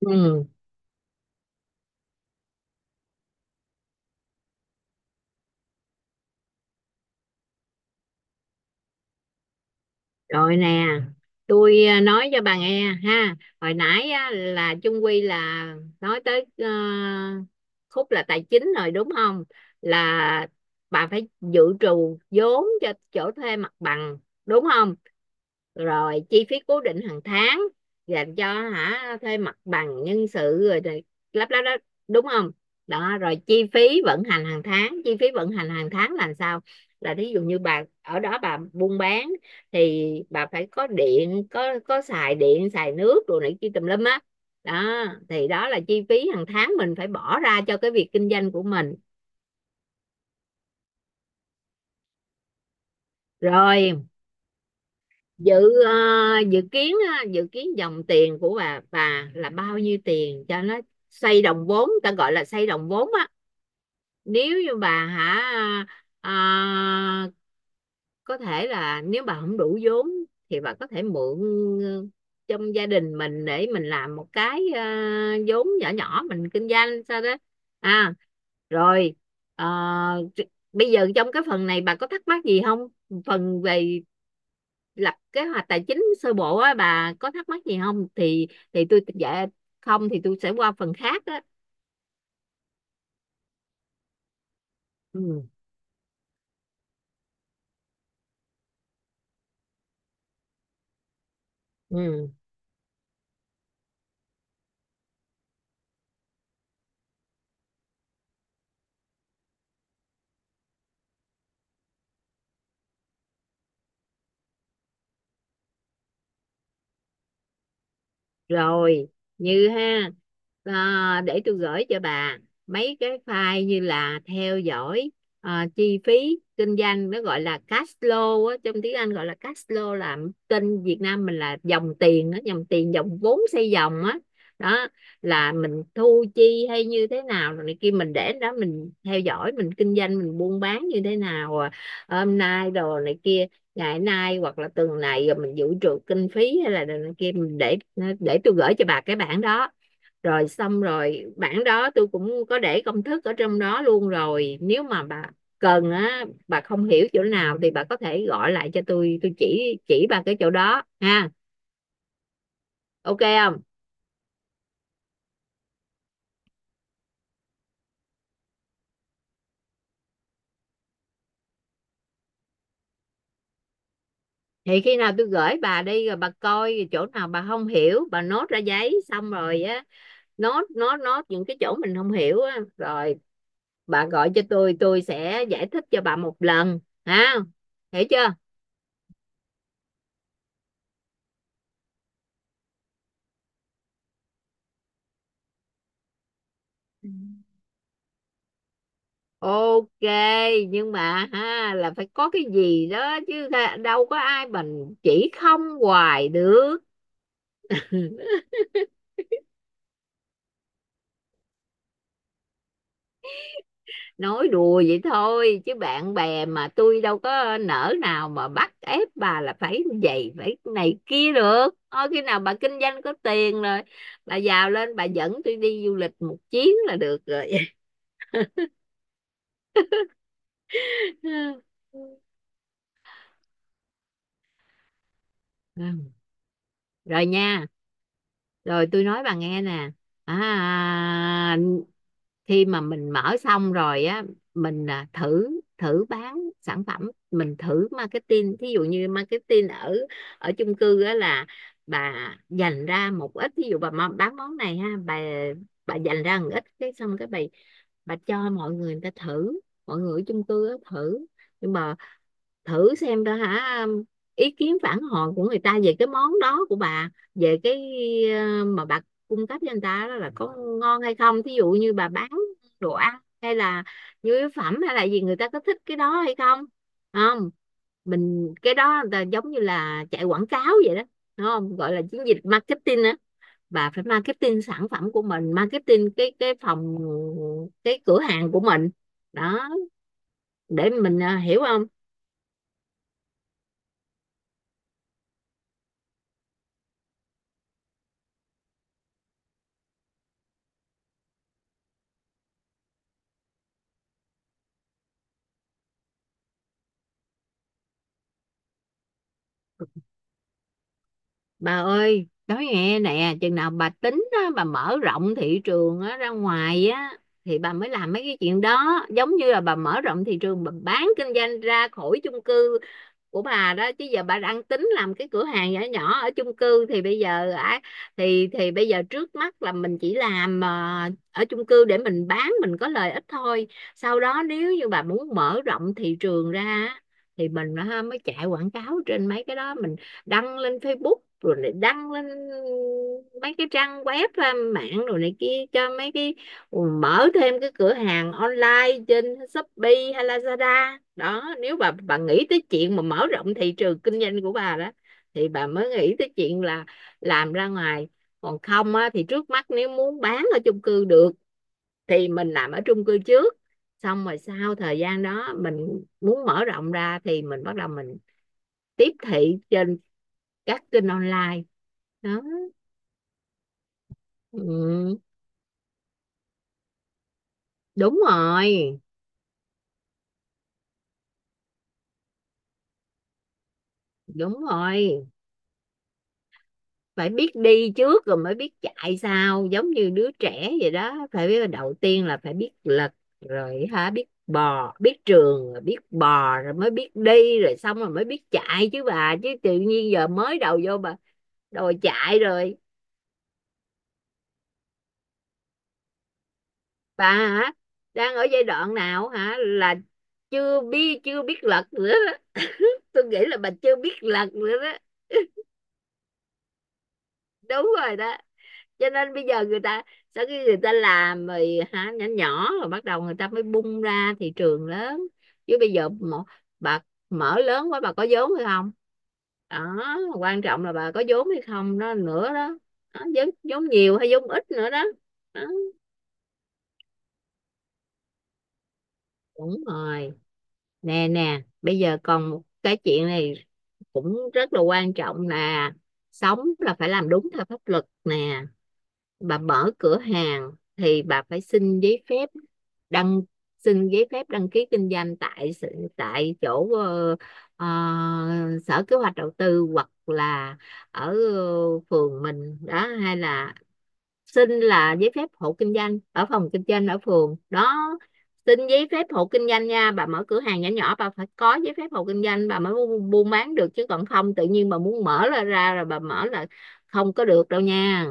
Ừ, rồi nè, tôi nói cho bà nghe ha. Hồi nãy á, là chung quy là nói tới khúc là tài chính rồi đúng không? Là bà phải dự trù vốn cho chỗ thuê mặt bằng đúng không? Rồi chi phí cố định hàng tháng dành cho thuê mặt bằng, nhân sự rồi này, lắp lắp đó, đúng không? Đó rồi chi phí vận hành hàng tháng, chi phí vận hành hàng tháng là sao? Là thí dụ như bà ở đó bà buôn bán thì bà phải có điện, có xài điện xài nước rồi này kia tùm lum á. Đó, đó thì đó là chi phí hàng tháng mình phải bỏ ra cho cái việc kinh doanh của mình. Rồi dự ờ, ờ, dự kiến dòng tiền của bà là bao nhiêu tiền cho nó xoay đồng vốn, ta gọi là xoay đồng vốn á. Nếu như bà à, có thể là nếu bà không đủ vốn thì bà có thể mượn ờ, trong gia đình mình để mình làm một cái vốn nhỏ nhỏ mình kinh doanh sao đó. à rồi ờ, bây giờ trong cái phần này bà có thắc mắc gì không, phần về lập kế hoạch tài chính sơ bộ á, bà có thắc mắc gì không, thì tôi dạ không thì tôi sẽ qua phần khác á. Ừ. Ừ. Rồi như ha, để tôi gửi cho bà mấy cái file như là theo dõi, chi phí kinh doanh, nó gọi là cash flow á, trong tiếng Anh gọi là cash flow, là tên Việt Nam mình là dòng tiền đó, dòng tiền dòng vốn xây dòng á đó. Là mình thu chi hay như thế nào rồi này kia mình để đó mình theo dõi mình kinh doanh mình buôn bán như thế nào, hôm nay đồ này kia, ngày nay hoặc là tuần này rồi mình dự trù kinh phí hay là này kia mình để tôi gửi cho bà cái bản đó. Rồi xong rồi bản đó tôi cũng có để công thức ở trong đó luôn, rồi nếu mà bà cần á, bà không hiểu chỗ nào thì bà có thể gọi lại cho tôi. Tôi chỉ bà cái chỗ đó ha. Ok, không thì khi nào tôi gửi bà đi rồi bà coi chỗ nào bà không hiểu bà nốt ra giấy xong rồi á, nốt nốt nốt những cái chỗ mình không hiểu á, rồi bà gọi cho tôi. Tôi sẽ giải thích cho bà một lần ha, hiểu chưa? Ừ. Ok, nhưng mà ha, là phải có cái gì đó chứ, đâu có ai mình chỉ không hoài được. Nói đùa vậy thôi chứ bạn bè mà, tôi đâu có nỡ nào mà bắt ép bà là phải vậy phải này kia được, thôi khi nào bà kinh doanh có tiền rồi bà giàu lên bà dẫn tôi đi du lịch một chuyến là được rồi. Rồi nha, rồi tôi nói bà nghe nè. à, khi mà mình mở xong rồi á, mình thử thử bán sản phẩm, mình thử marketing. Thí dụ như marketing ở ở chung cư á, là bà dành ra một ít. Thí dụ bà bán món này ha, bà dành ra một ít cái, xong cái bà cho mọi người người ta thử, mọi người ở chung cư á thử. Nhưng mà thử xem đó hả, ý kiến phản hồi của người ta về cái món đó của bà, về cái mà bà cung cấp cho người ta đó, là có ngon hay không. Thí dụ như bà bán đồ ăn hay là nhu yếu phẩm hay là gì, người ta có thích cái đó hay không không Mình, cái đó là giống như là chạy quảng cáo vậy đó đúng không, gọi là chiến dịch marketing á, bà phải marketing sản phẩm của mình, marketing cái cửa hàng của mình đó. Để mình hiểu không. Bà ơi, nói nghe nè, chừng nào bà tính á, bà mở rộng thị trường á, ra ngoài á thì bà mới làm mấy cái chuyện đó, giống như là bà mở rộng thị trường bà bán kinh doanh ra khỏi chung cư của bà đó. Chứ giờ bà đang tính làm cái cửa hàng nhỏ nhỏ ở chung cư thì bây giờ á, thì bây giờ trước mắt là mình chỉ làm ở chung cư để mình bán mình có lợi ích thôi. Sau đó nếu như bà muốn mở rộng thị trường ra á, thì mình ha, mới chạy quảng cáo trên mấy cái đó, mình đăng lên Facebook rồi lại đăng lên mấy cái trang web ra mạng rồi này kia, cho mấy cái mở thêm cái cửa hàng online trên Shopee hay Lazada đó. Nếu bà nghĩ tới chuyện mà mở rộng thị trường kinh doanh của bà đó, thì bà mới nghĩ tới chuyện là làm ra ngoài. Còn không á, thì trước mắt nếu muốn bán ở chung cư được thì mình làm ở chung cư trước, xong rồi sau thời gian đó mình muốn mở rộng ra thì mình bắt đầu mình tiếp thị trên các kênh online đó. ừ, Đúng rồi, đúng rồi, phải biết đi trước rồi mới biết chạy sau, giống như đứa trẻ vậy đó, phải biết đầu tiên là phải biết lật rồi biết bò biết trường rồi biết bò rồi mới biết đi rồi xong rồi mới biết chạy chứ bà, chứ tự nhiên giờ mới đầu vô bà đòi chạy rồi. Bà đang ở giai đoạn nào hả, là chưa biết lật nữa đó. Tôi nghĩ là bà chưa biết lần nữa đó, đúng rồi đó. Cho nên bây giờ người ta sau khi người ta làm rồi nhỏ nhỏ rồi bắt đầu người ta mới bung ra thị trường lớn, chứ bây giờ mà, bà mở lớn quá bà có vốn hay không, đó quan trọng là bà có vốn hay không đó nữa đó. Đó, vốn nhiều hay vốn ít nữa đó. Đó, đúng rồi. Nè nè, bây giờ còn một cái chuyện này cũng rất là quan trọng là sống là phải làm đúng theo pháp luật nè. Bà mở cửa hàng thì bà phải đăng xin giấy phép đăng ký kinh doanh tại tại chỗ ờ, sở kế hoạch đầu tư, hoặc là ở phường mình đó, hay là xin là giấy phép hộ kinh doanh ở phòng kinh doanh ở phường đó. Xin giấy phép hộ kinh doanh nha, bà mở cửa hàng nhỏ nhỏ bà phải có giấy phép hộ kinh doanh bà mới buôn bán được, chứ còn không tự nhiên bà muốn mở ra ra rồi bà mở là không có được đâu nha.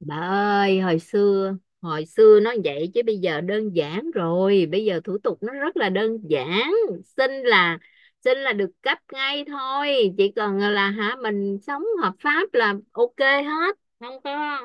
Bà ơi, hồi xưa nó vậy chứ bây giờ đơn giản rồi, bây giờ thủ tục nó rất là đơn giản, xin là xin là được cấp ngay thôi, chỉ cần là mình sống hợp pháp là ok hết, không có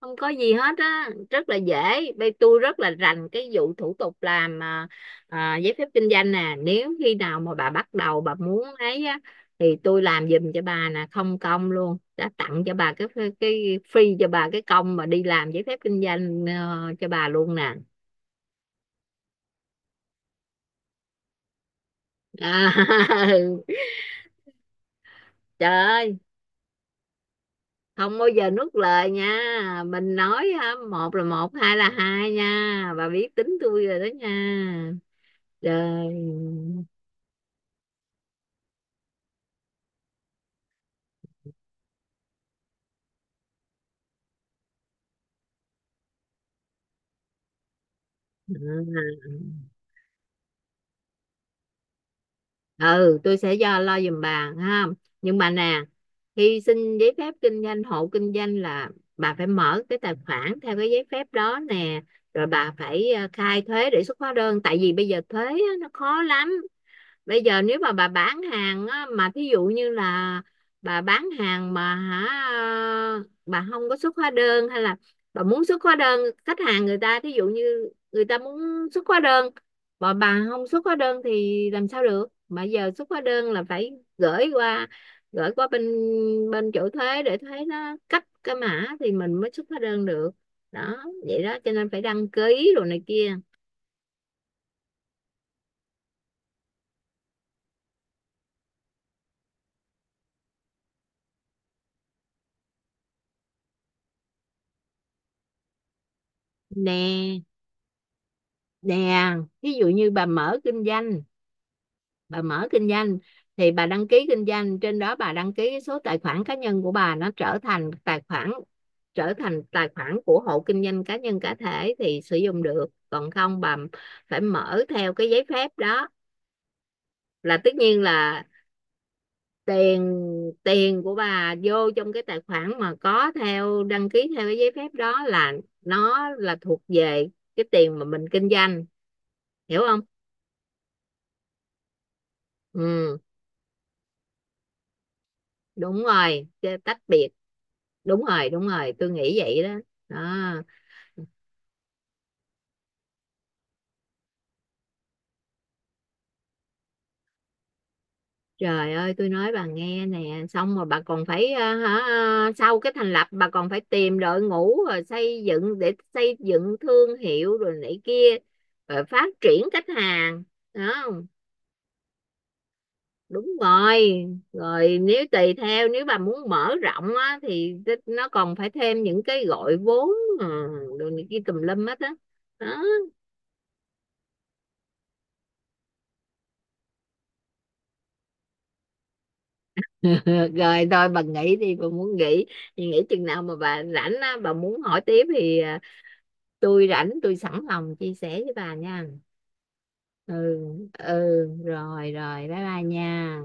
không có gì hết á, rất là dễ. Bên tôi rất là rành cái vụ thủ tục làm giấy phép kinh doanh nè, nếu khi nào mà bà bắt đầu bà muốn ấy á thì tôi làm giùm cho bà nè, không công luôn, đã tặng cho bà cái free cho bà cái công mà đi làm giấy phép kinh doanh cho bà luôn nè. à, Trời ơi, không bao giờ nuốt lời nha, mình nói một là một hai là hai nha, bà biết tính tôi rồi đó nha. Trời. Ừ. Ừ, tôi sẽ lo giùm bà ha, nhưng bà nè, khi xin giấy phép kinh doanh hộ kinh doanh là bà phải mở cái tài khoản theo cái giấy phép đó nè, rồi bà phải khai thuế để xuất hóa đơn, tại vì bây giờ thuế á, nó khó lắm. Bây giờ nếu mà bà bán hàng á, mà thí dụ như là bà bán hàng mà bà không có xuất hóa đơn hay là bà muốn xuất hóa đơn, khách hàng người ta thí dụ như người ta muốn xuất hóa đơn mà bà không xuất hóa đơn thì làm sao được, mà giờ xuất hóa đơn là phải gửi qua gửi qua bên bên chỗ thuế để thuế nó cấp cái mã thì mình mới xuất hóa đơn được đó. Vậy đó cho nên phải đăng ký rồi này kia. Nè nè, ví dụ như bà mở kinh doanh thì bà đăng ký kinh doanh trên đó, bà đăng ký số tài khoản cá nhân của bà nó trở thành tài khoản của hộ kinh doanh cá nhân cá thể thì sử dụng được, còn không bà phải mở theo cái giấy phép đó, là tất nhiên là tiền tiền của bà vô trong cái tài khoản mà có theo đăng ký theo cái giấy phép đó, là nó là thuộc về cái tiền mà mình kinh doanh, hiểu không. Ừ, đúng rồi, tách biệt, đúng rồi, đúng rồi, tôi nghĩ vậy đó đó. Trời ơi tôi nói bà nghe nè, xong rồi bà còn phải sau cái thành lập bà còn phải tìm đội ngũ, rồi xây dựng thương hiệu rồi này kia, rồi phát triển khách hàng đó không, đúng rồi. Rồi nếu tùy theo nếu bà muốn mở rộng á thì nó còn phải thêm những cái gọi vốn, ờ, rồi này kia tùm lum hết á đó. Rồi thôi bà nghỉ đi, bà muốn nghỉ thì nghỉ, chừng nào mà bà rảnh á bà muốn hỏi tiếp thì tôi rảnh tôi sẵn lòng chia sẻ với bà nha. Ừ, ừ, rồi rồi bye bye nha.